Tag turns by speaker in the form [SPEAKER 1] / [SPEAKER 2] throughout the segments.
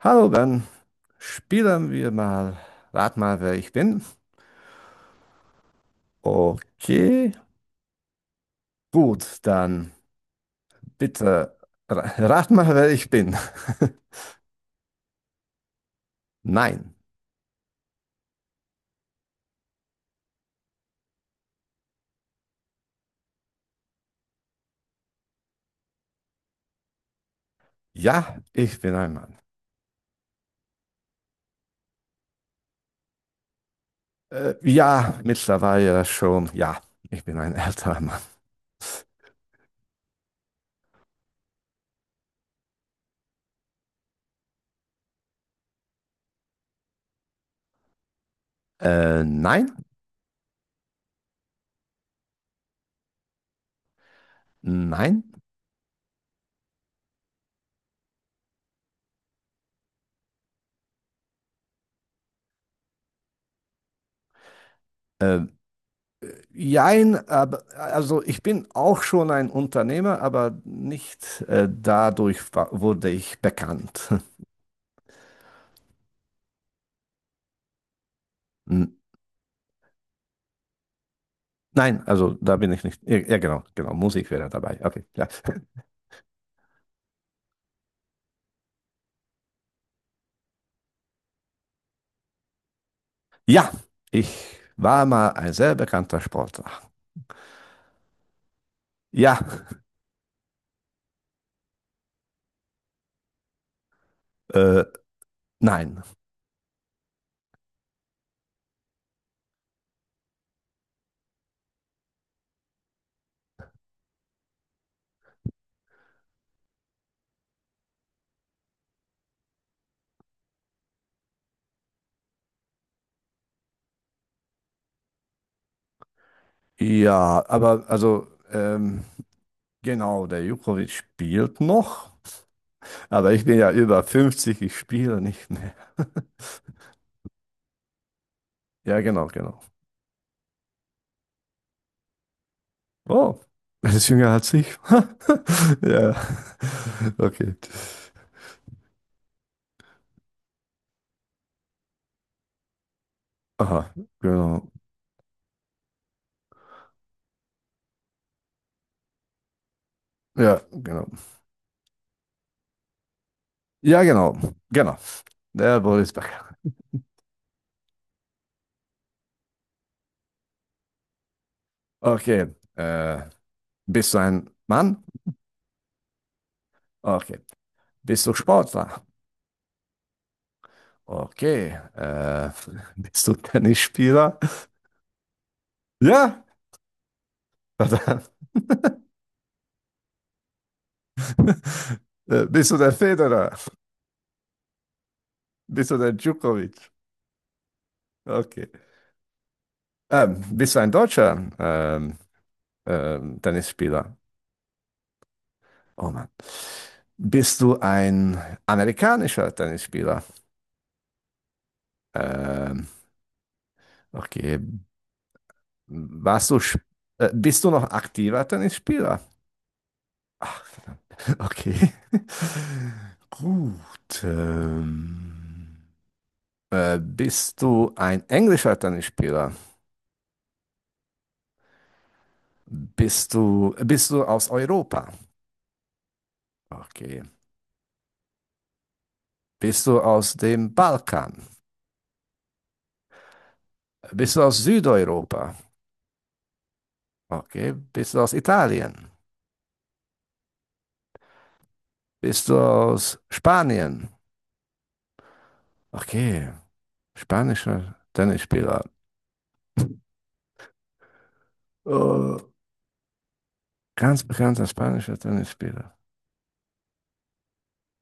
[SPEAKER 1] Hallo Ben, spielen wir mal. Rat mal, wer ich bin. Okay, gut, dann bitte rat mal, wer ich bin. Nein, ja, ich bin ein Mann. Ja, mittlerweile schon, ja, ich bin ein älterer Mann. Nein, nein, äh, jein, aber, also ich bin auch schon ein Unternehmer, aber nicht dadurch wurde ich bekannt. Nein, also da bin ich nicht. Ja, ja, genau, genau. Musik wäre dabei. Okay, klar. Ja, ich war mal ein sehr bekannter Sportler. Ja, äh, nein. Ja, aber also, genau, der Jukovic spielt noch, aber ich bin ja über 50, ich spiele nicht mehr. Ja, genau, genau. Oh, er ist jünger als ich. Ja, okay. Aha, genau. Ja, genau. Ja, genau, genau. Der Boris Becker. Okay, bist du ein Mann? Okay. Bist du Sportler? Okay. Bist du Tennisspieler? Ja. Verdammt. Bist du der Federer? Bist du der Djokovic? Okay. Bist du ein deutscher Tennisspieler? Oh Mann. Bist du ein amerikanischer Tennisspieler? Ähm, okay. Warst du, sp- Bist du noch aktiver Tennisspieler? Okay. Gut. Bist du ein englischer Tennisspieler? Bist du aus Europa? Okay. Bist du aus dem Balkan? Bist du aus Südeuropa? Okay. Bist du aus Italien? Bist du aus Spanien? Okay. Spanischer Tennisspieler. Äh, ganz bekannter spanischer Tennisspieler.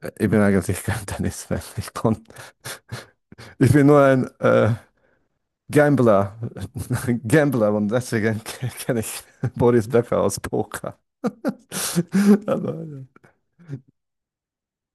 [SPEAKER 1] Ich bin eigentlich kein Tennisfan. Ich bin nur ein Gambler. Gambler und deswegen kenne ich Boris Becker aus Poker. Aber,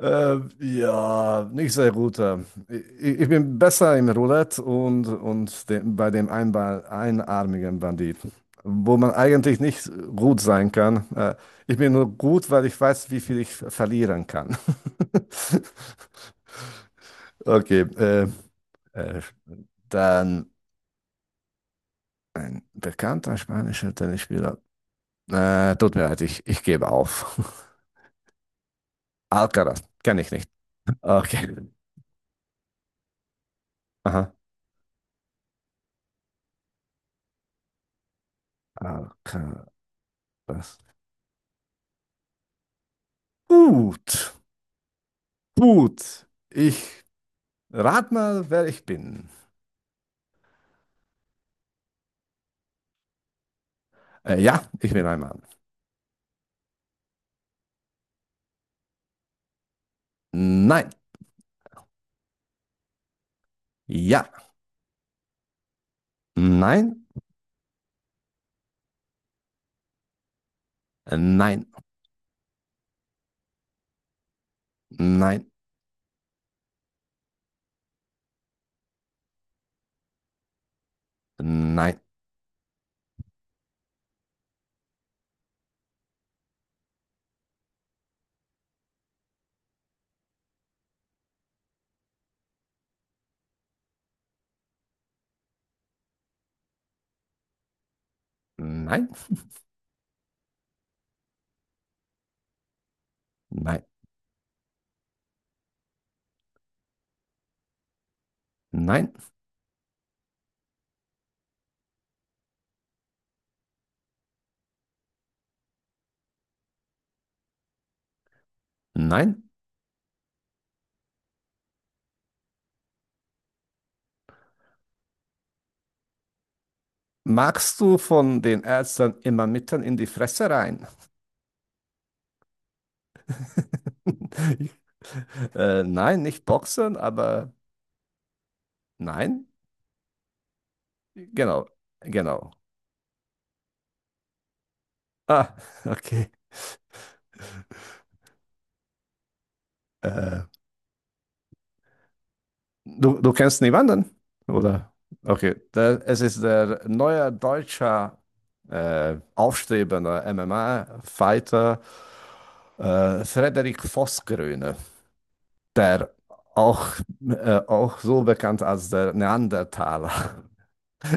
[SPEAKER 1] ja, nicht sehr gut. Ich bin besser im Roulette und bei dem Einball, einarmigen Banditen, wo man eigentlich nicht gut sein kann. Ich bin nur gut, weil ich weiß, wie viel ich verlieren kann. Okay, äh, dann. Ein bekannter spanischer Tennisspieler. Tut mir leid, ich gebe auf. Alcaraz, kenne ich nicht. Okay. Aha. Alcaraz. Gut, gut. Ich rat mal, wer ich bin. Ja, ich bin ein Mann. Nein. Ja. Nein. Nein. Nein. Nein. Nein. Nein. Nein. Nein. Magst du von den Ärzten immer mitten in die Fresse rein? Ich- nein, nicht Boxen, aber nein, genau, genau. Ah, okay. Äh, du kennst niemanden, oder? Okay, da, es ist der neue deutsche aufstrebende MMA-Fighter Frederik Vossgröne, der auch, auch so bekannt als der Neandertaler.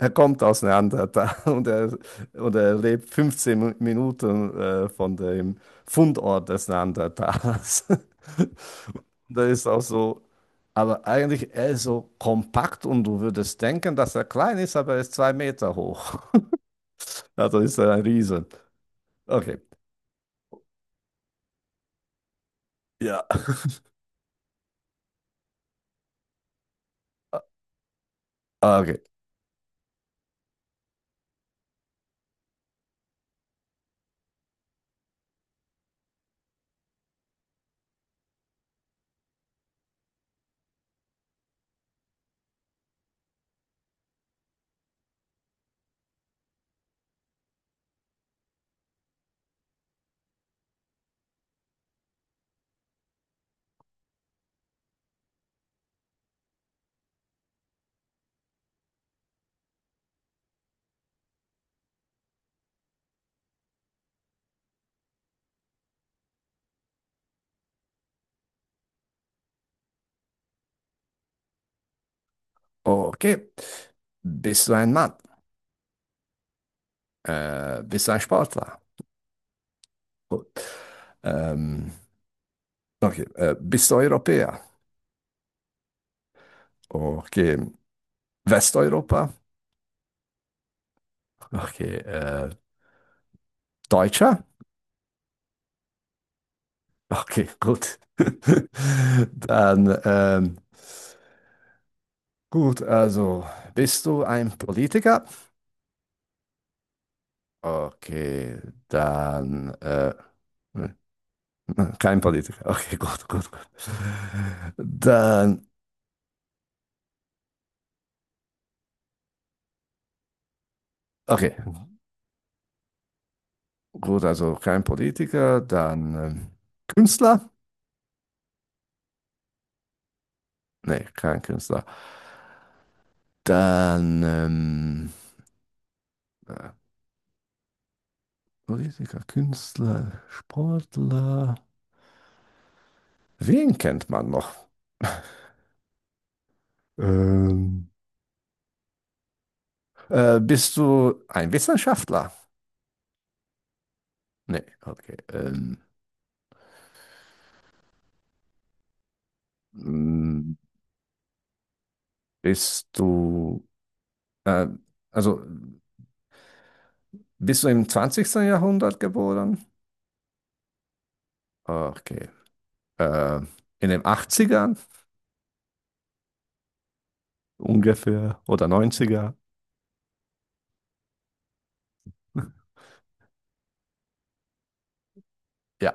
[SPEAKER 1] Er kommt aus Neandertal und er lebt 15 Minuten von dem Fundort des Neandertalers. Da ist auch so, aber eigentlich er ist so kompakt und du würdest denken, dass er klein ist, aber er ist 2 Meter hoch. Also ist er ein Riesen. Okay, ja, okay, okay. Bist du ein Mann? Bist du ein Sportler? Gut. Ähm, okay, bist du Europäer? Okay. Westeuropa? Okay. Deutscher? Okay, gut. Dann, gut, also bist du ein Politiker? Okay, dann, kein Politiker. Okay, gut, gut, gut. Dann, okay, gut, also kein Politiker, dann Künstler? Nee, kein Künstler. Dann, äh, Politiker, Künstler, Sportler. Wen kennt man noch? Ähm, Bist du ein Wissenschaftler? Nee, okay. Mm, bist du, äh, also bist du im zwanzigsten Jahrhundert geboren? Okay. Äh, in den 80ern ungefähr oder 90. Ja,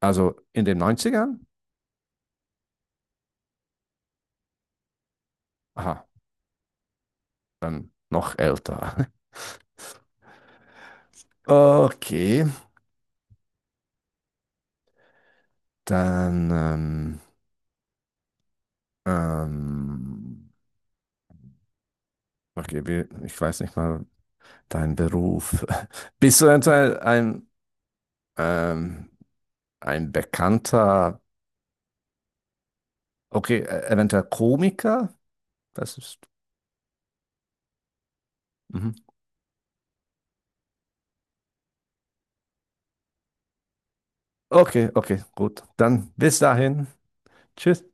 [SPEAKER 1] also in den 90ern? Aha, dann noch älter. Okay, dann, ähm, okay, ich weiß nicht mal, dein Beruf. Bist du eventuell ähm, ein bekannter, okay, eventuell Komiker? Das ist. Mhm. Okay, okay, gut. Dann bis dahin. Tschüss.